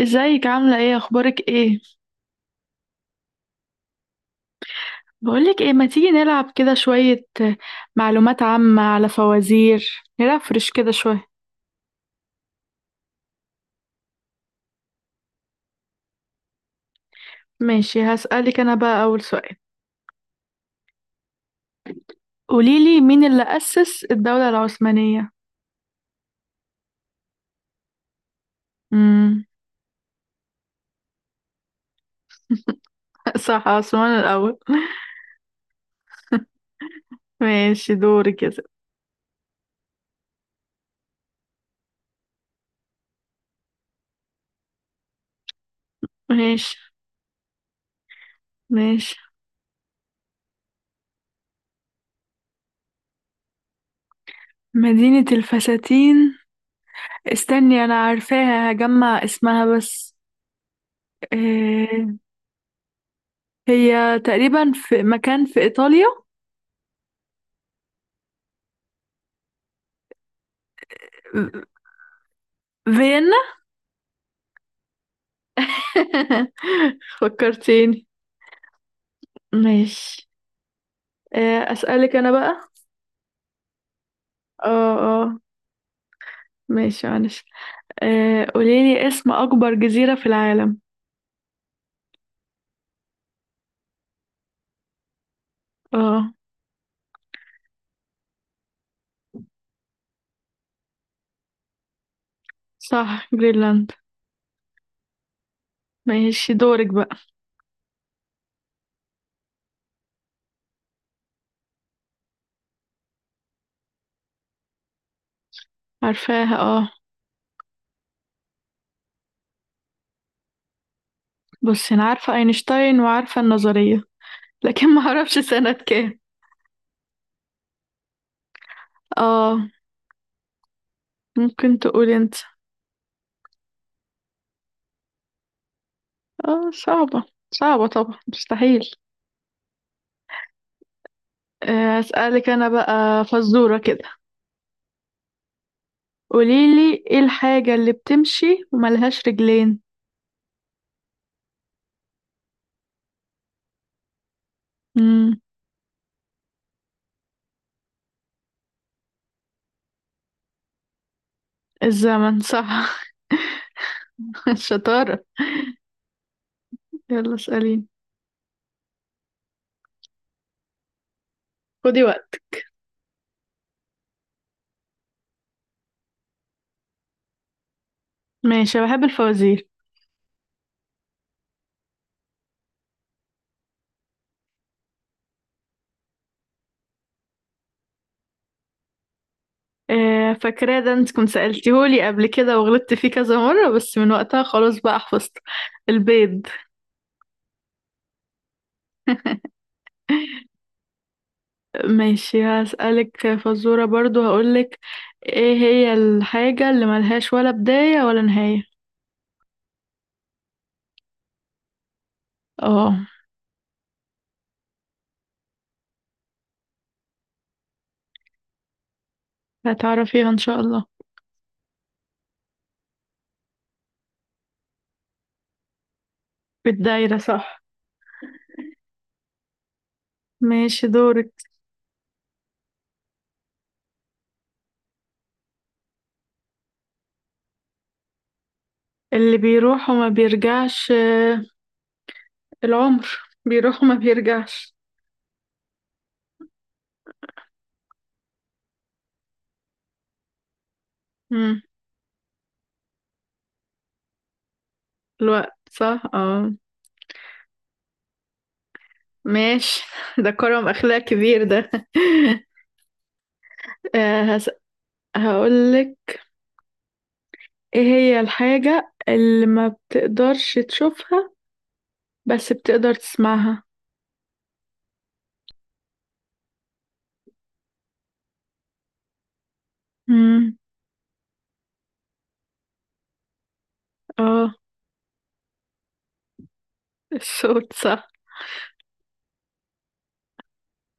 ازيك، عاملة ايه، اخبارك ايه؟ بقولك ايه، ما تيجي نلعب كده شوية معلومات عامة على فوازير، نرفرش كده شوية. ماشي، هسألك انا بقى اول سؤال. قوليلي، مين اللي أسس الدولة العثمانية؟ امم صح، عثمان الاول. ماشي، دوري كده. ماشي، ماشي. مدينة الفساتين؟ استني، انا عارفاها، هجمع اسمها بس. إيه. هي تقريبا في مكان في ايطاليا. فيينا. فكرتيني. ماشي. أسألك أنا بقى. اه، اه، ماشي، معلش. قوليلي اسم أكبر جزيرة في العالم؟ اه، صح، جرينلاند. ماشي، دورك بقى. عارفاها، اه. بصي، أنا عارفة أينشتاين وعارفة النظرية، لكن ما أعرفش سنة كام. اه، ممكن تقولي انت. اه، صعبة. صعبة طبعا، مستحيل. أسألك أنا بقى فزورة كده. قوليلي، ايه الحاجة اللي بتمشي وملهاش رجلين؟ امم الزمن، صح. الشطارة. يلا، اسأليني. خدي وقت. ماشي، أنا بحب الفوازير. فاكراه، ده انت كنت سألتيهولي قبل كده وغلطت فيه كذا مرة، بس من وقتها خلاص بقى حفظت. البيض. ماشي، هسألك فزورة برضو، هقولك. ايه هي الحاجة اللي ملهاش ولا بداية ولا نهاية؟ اه، هتعرفيها ان شاء الله. بالدايرة، صح. ماشي، دورك. اللي بيروح وما بيرجعش؟ العمر، بيروح وما بيرجعش. مم. الوقت، صح، اه. ماشي. ده كرم اخلاق كبير ده. آه، هس... هقولك. ايه هي الحاجة اللي ما بتقدرش تشوفها بس بتقدر تسمعها؟ مم. اه، الصوت، صح.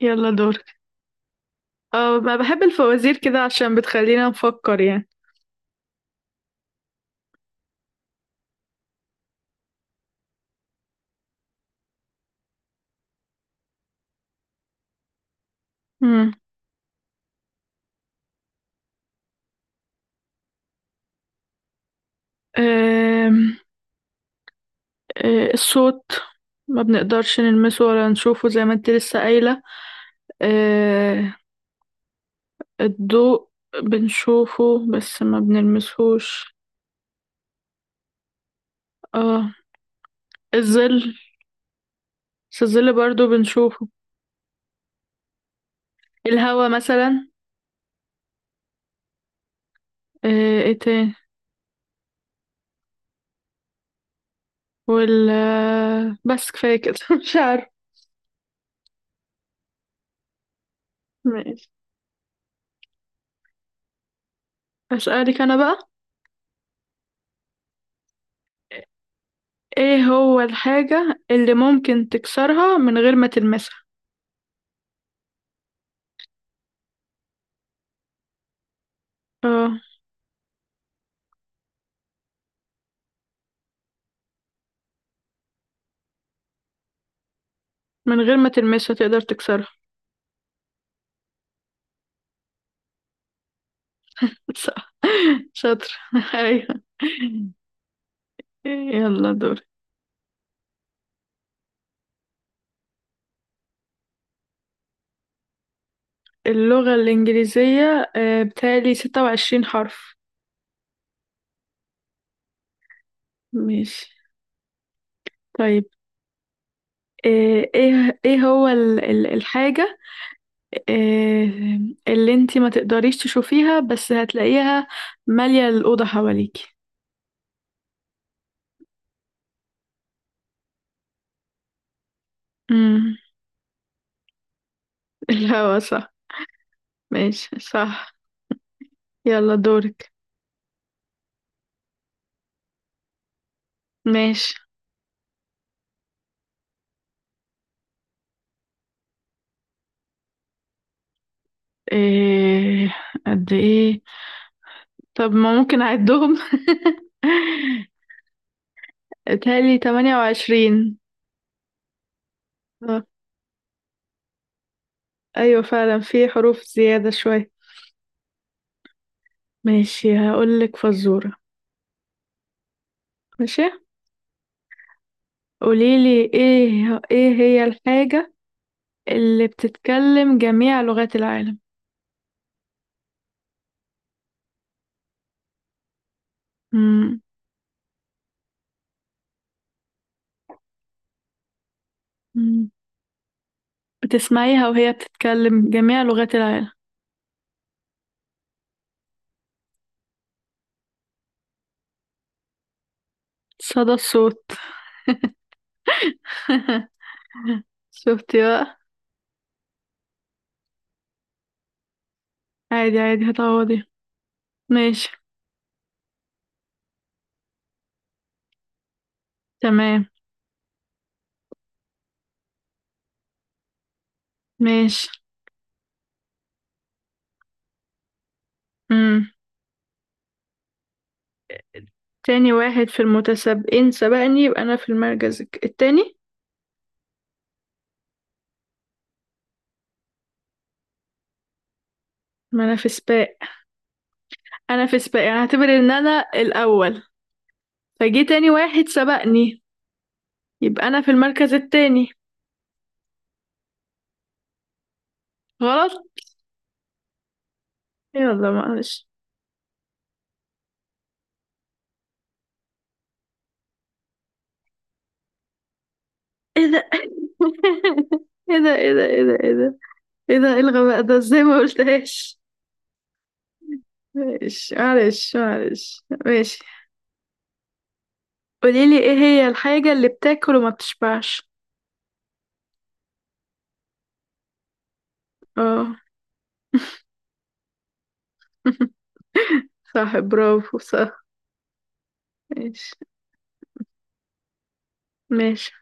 يلا دورك. اه، ما بحب الفوازير كده عشان بتخلينا نفكر يعني. مم. آم، الصوت. ما بنقدرش نلمسه ولا نشوفه، زي ما انت لسه قايلة. آه، الضوء بنشوفه بس ما بنلمسهوش. اه، الظل. بس الظل برضو بنشوفه. الهوا مثلا. ايه تاني؟ وال آه، بس كفاية كده. مش عارف. ماشي. أسألك أنا بقى. ايه هو الحاجة اللي ممكن تكسرها من غير ما تلمسها؟ اه. من غير ما تلمسها تقدر تكسرها؟ صح. شاطر. ايوه. يلا دور. اللغة الإنجليزية، بتهيألي 26 حرف. ماشي. طيب. آه، ايه هو الحاجة آه، اللي انتي ما تقدريش تشوفيها بس هتلاقيها مالية الأوضة حواليكي؟ امم الهوا، صح. ماشي، صح. يلا دورك. ماشي. إيه؟ قد ايه؟ طب ما ممكن اعدهم. اتهيألي 28. آه، ايوه، فعلا في حروف زيادة شوية. ماشي، هقولك فزورة. ماشي. قوليلي، ايه هي الحاجة اللي بتتكلم جميع لغات العالم؟ مم. مم. بتسمعيها وهي بتتكلم جميع لغات العالم. صدى الصوت. شفتي بقى؟ عادي، عادي، هتعوضي. ماشي. تمام. ماشي. مم. تاني واحد في المتسابقين سبقني، يبقى انا في المركز التاني. ما انا في سباق. انا في سباق، يعني هعتبر ان انا الاول. فجي تاني واحد سبقني، يبقى انا في المركز التاني. غلط؟ يلا معلش. ايه ده، ايه ده، ايه ده، ايه ده، ايه ده، ايه ده! ايه الغباء ده، ازاي ما قلتهاش! ماشي، معلش، معلش، ماشي. قوليلي، ايه هي الحاجة اللي بتاكل وما بتشبعش؟ اه. صح، برافو، صح. ماشي. ماشي.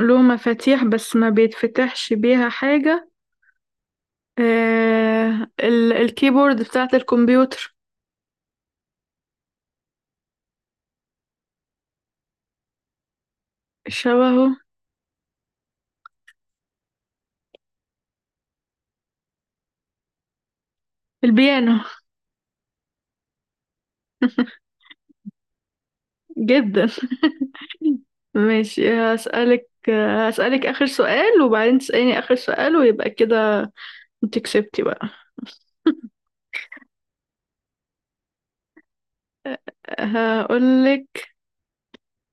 له مفاتيح بس ما بيتفتحش بيها حاجة؟ الكيبورد بتاعة الكمبيوتر. شبهه؟ البيانو. جدا. ماشي، هسألك. هسألك آخر سؤال، وبعدين تسأليني آخر سؤال، ويبقى كده انت كسبتي بقى. هقولك.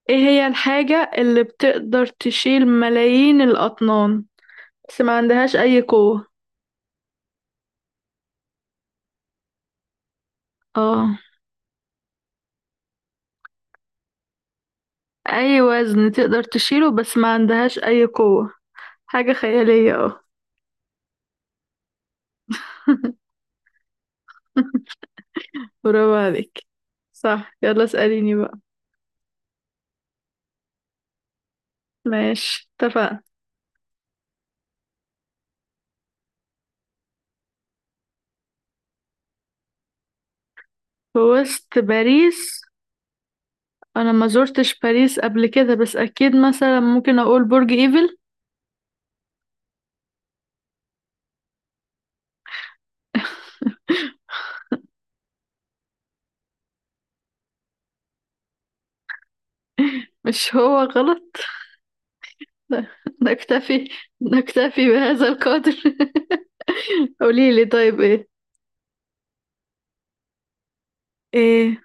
ايه هي الحاجة اللي بتقدر تشيل ملايين الأطنان بس ما عندهاش أي قوة؟ اه. أي وزن تقدر تشيله بس ما عندهاش أي قوة. حاجة خيالية، اه. برافو عليك، صح. يلا، اسأليني بقى. ماشي، اتفقنا. في وسط باريس؟ انا ما زرتش باريس قبل كده، بس اكيد مثلا ممكن اقول برج ايفل. مش هو؟ غلط؟ نكتفي. نكتفي بهذا القدر. قولي لي، طيب، ايه؟ ايه!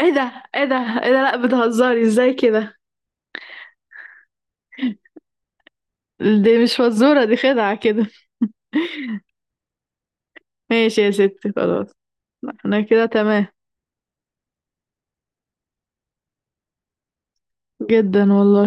ايه ده، ايه ده، ايه ده، لا، بتهزري ازاي كده! دي مش فزورة، دي خدعة كده. ماشي يا ستي، خلاص. احنا كده تمام. جدا والله.